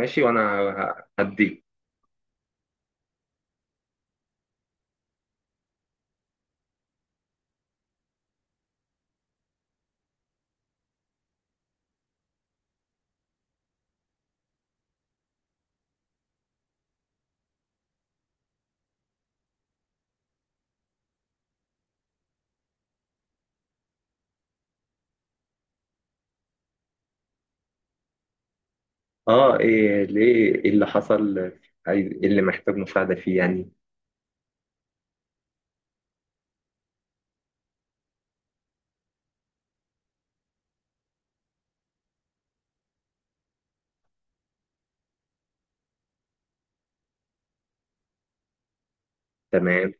ماشي. وانا هديك. اه، ايه؟ ليه؟ ايه اللي حصل؟ عايز ايه؟ اللي محتاج مساعدة فيه يعني. تمام،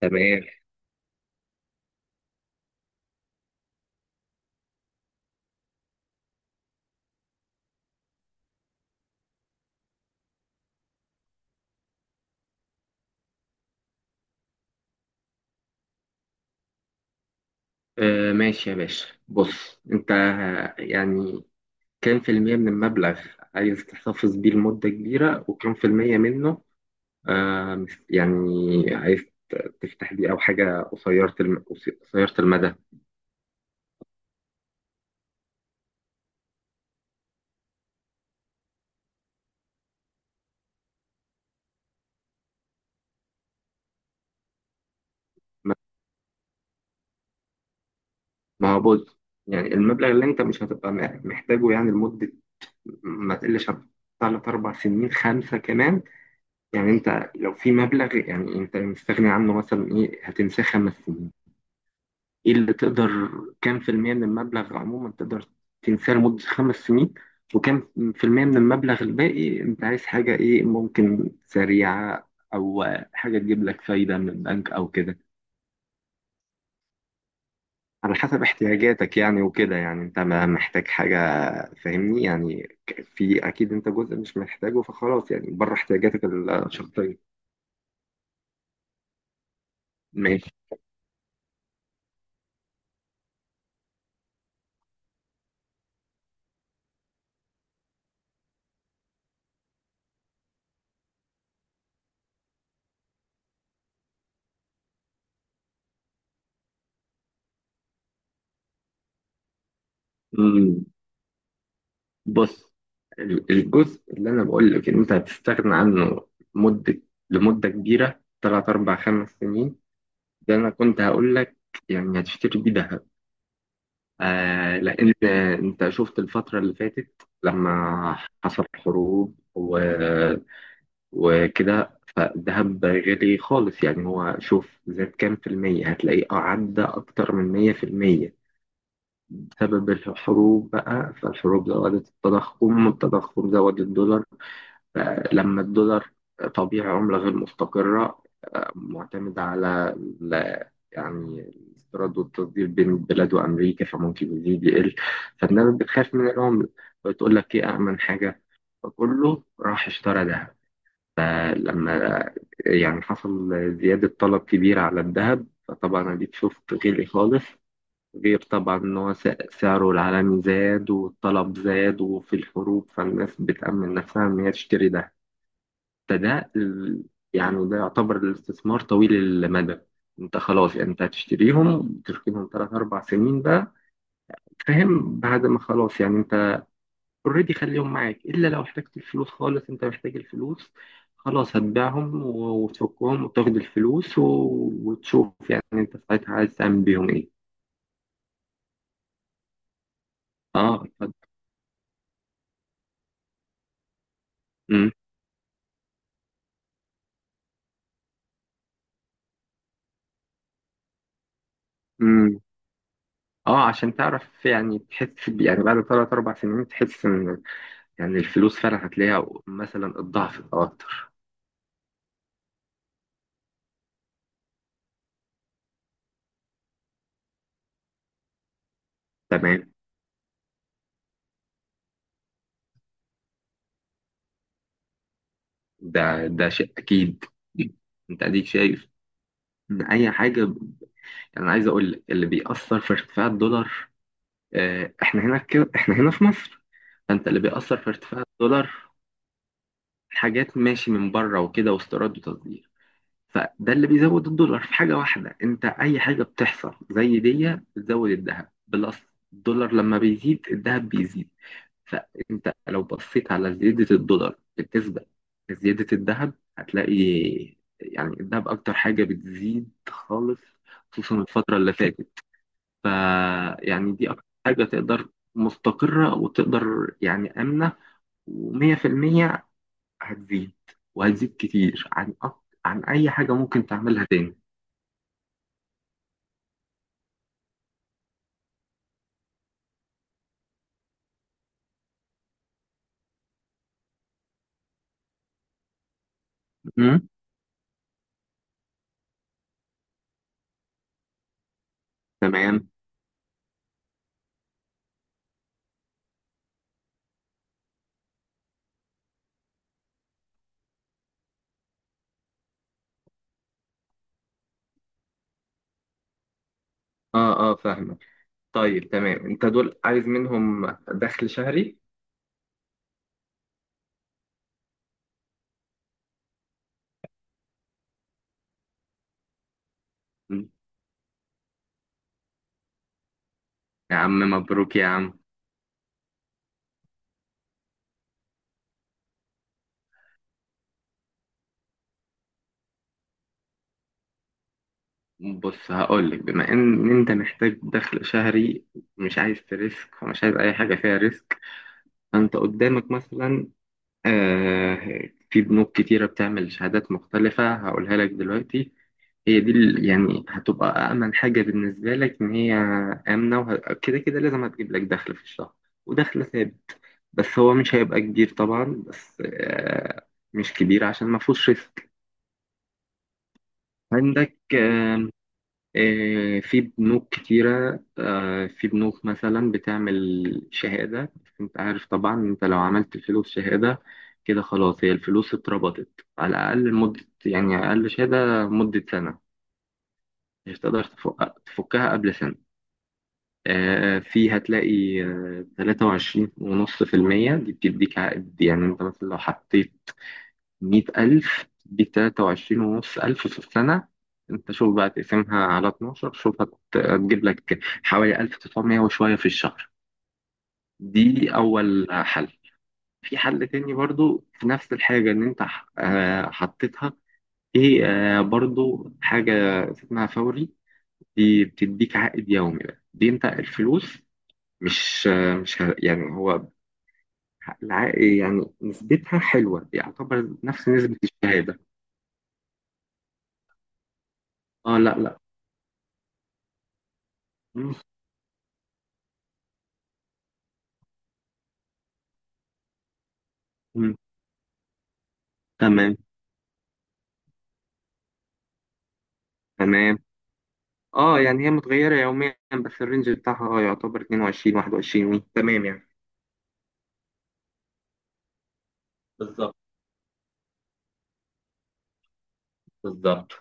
تمام. آه، ماشي يا باشا. بص، انت يعني كام في المية من المبلغ عايز تحتفظ بيه لمدة كبيرة، وكام في المية منه يعني عايز تفتح بيه او حاجة قصيرة قصيرة المدى؟ ما ما هو بص، يعني المبلغ اللي انت مش هتبقى محتاجه يعني لمدة ما تقلش عن تلات أربع سنين، خمسة كمان. يعني انت لو في مبلغ يعني انت مستغني عنه مثلا، ايه هتنساه خمس سنين؟ ايه اللي تقدر؟ كام في المية من المبلغ عموما تقدر تنساه لمدة خمس سنين، وكام في المية من المبلغ الباقي انت عايز حاجة ايه؟ ممكن سريعة، او حاجة تجيب لك فايدة من البنك او كده، على حسب احتياجاتك يعني. وكده يعني انت ما محتاج حاجة، فاهمني يعني في اكيد انت جزء مش محتاجه فخلاص، يعني بره احتياجاتك الشخصية. ماشي. مم. بص، الجزء اللي انا بقول لك ان انت هتستغنى عنه مده لمده كبيره، ثلاث اربع خمس سنين، ده انا كنت هقول لك يعني هتشتري بيه ذهب. آه، لان انت شفت الفتره اللي فاتت، لما حصل حروب وكده، فالذهب غالي خالص. يعني هو شوف زاد كام في المية، هتلاقيه عدى أكتر من مية في المية بسبب الحروب بقى. فالحروب زودت التضخم، والتضخم زود الدولار. لما الدولار طبيعي عملة غير مستقرة، معتمدة على يعني الاستيراد والتصدير بين البلاد وأمريكا، فممكن يزيد يقل. فالناس بتخاف من العملة، بتقول لك إيه أأمن حاجة، فكله راح اشترى ذهب. فلما يعني حصل زيادة طلب كبيرة على الذهب، فطبعا أديك شفت غلي خالص، غير طبعا إن هو سعره العالمي زاد والطلب زاد وفي الحروب، فالناس بتأمن نفسها إن هي تشتري ده. فده ال- يعني ده يعتبر الاستثمار طويل المدى. انت خلاص يعني انت هتشتريهم، تركنهم ثلاث اربع سنين بقى، فاهم؟ بعد ما خلاص يعني انت اوريدي خليهم معاك، الا لو احتجت الفلوس خالص، انت محتاج الفلوس خلاص، هتبيعهم وتفكهم وتاخد الفلوس وتشوف يعني انت ساعتها عايز تعمل بيهم ايه. اه، اتفضل. امم امم اه، عشان تعرف يعني تحس يعني بعد ثلاث اربع سنين تحس ان يعني الفلوس فعلا هتلاقيها مثلا الضعف او اكتر. تمام، ده ده شيء اكيد. انت اديك شايف ان اي حاجه يعني. انا عايز اقول لك اللي بيأثر في ارتفاع الدولار. احنا هنا كده، احنا هنا في مصر. فانت اللي بيأثر في ارتفاع الدولار حاجات ماشي من بره وكده، واستيراد وتصدير. فده اللي بيزود الدولار. في حاجة واحدة، انت اي حاجة بتحصل زي دي بتزود الذهب بلس. الدولار لما بيزيد، الذهب بيزيد. فانت لو بصيت على زيادة الدولار بالنسبة لزيادة الذهب، هتلاقي يعني الذهب اكتر حاجة بتزيد خالص، خصوصا الفترة اللي فاتت. فيعني دي اكتر حاجة تقدر مستقرة وتقدر يعني آمنة، ومية في المية هتزيد، وهتزيد كتير عن عن أي حاجة ممكن تعملها تاني. امم تمام. اه، اه، فاهمك. طيب، تمام. انت دول عايز منهم دخل شهري؟ مم. يا عم مبروك يا عم. بص، هقول لك، بما ان انت محتاج دخل شهري، مش عايز تريسك، ومش عايز اي حاجه فيها ريسك، فانت قدامك مثلا، آه في بنوك كتيره بتعمل شهادات مختلفه هقولها لك دلوقتي. هي دي يعني هتبقى أأمن حاجة بالنسبة لك، إن هي آمنة، وكده كده كده لازم هتجيب لك دخل في الشهر، ودخل ثابت. بس هو مش هيبقى كبير طبعا، بس مش كبير عشان ما فيهوش ريسك. عندك في بنوك كتيرة، في بنوك مثلا بتعمل شهادة. بس أنت عارف طبعا، أنت لو عملت فلوس شهادة كده خلاص، هي الفلوس اتربطت على الأقل مدة، يعني أقل شهادة مدة سنة، مش هتقدر تفكها قبل سنة. فيه هتلاقي، تلاتة وعشرين ونص في المية. دي بتديك عائد، يعني انت مثلا لو حطيت مية ألف، تديك تلاتة وعشرين ونص ألف في السنة. انت شوف بقى، تقسمها على اتناشر، شوف هتجيب لك حوالي ألف تسعمية وشوية في الشهر. دي أول حل. في حل تاني برضو في نفس الحاجة إن أنت حطيتها إيه، برضو حاجة اسمها فوري. دي بتديك عائد يومي بقى. دي أنت الفلوس مش يعني هو يعني نسبتها حلوة، يعتبر نفس نسبة الشهادة. اه، لا لا. مم. مم. تمام، تمام. اه، يعني هي متغيرة يوميا، بس الرينج بتاعها اه يعتبر 22 21 وي. تمام يعني. بالظبط، بالظبط.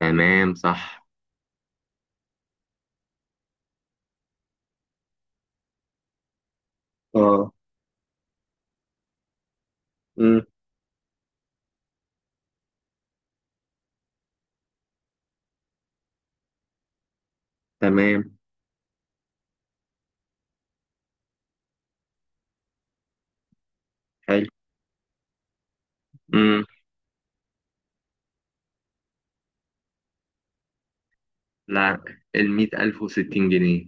تمام، صح. اه. مم. تمام. حلو. مم. لا، ال 100060 جنيه.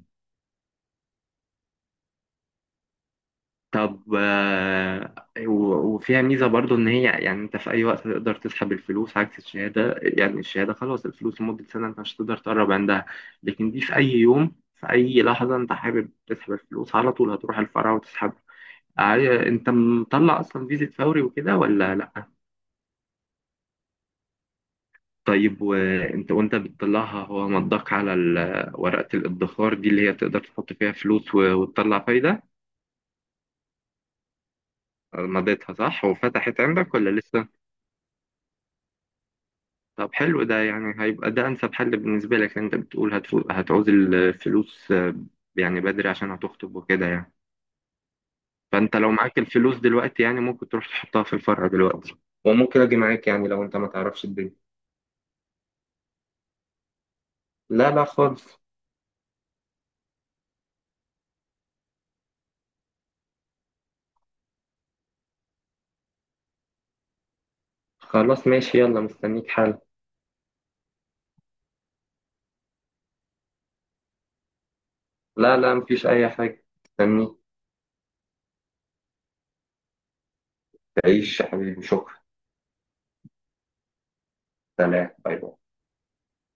طب وفيها ميزة برضو إن هي يعني أنت في أي وقت تقدر تسحب الفلوس، عكس الشهادة. يعني الشهادة خلاص الفلوس لمدة سنة، أنت مش هتقدر تقرب عندها. لكن دي في أي يوم، في أي لحظة أنت حابب تسحب الفلوس على طول، هتروح الفرع وتسحب. أنت مطلع أصلا فيزا فوري وكده ولا لأ؟ طيب، وأنت وأنت بتطلعها هو مضاك على ورقة الادخار دي اللي هي تقدر تحط فيها فلوس وتطلع فايدة؟ مضيتها صح وفتحت عندك ولا لسه؟ طب حلو، ده يعني هيبقى ده انسب حل بالنسبه لك، لأن انت بتقول هتعوز الفلوس، يعني بدري عشان هتخطب وكده يعني. فانت لو معاك الفلوس دلوقتي، يعني ممكن تروح تحطها في الفرع دلوقتي، وممكن اجي معاك يعني لو انت ما تعرفش الدنيا. لا لا خالص. خلاص ماشي، يلا مستنيك. حل. لا لا، مفيش اي حاجه. مستنيك. تعيش يا حبيبي، شكرا. سلام، باي باي.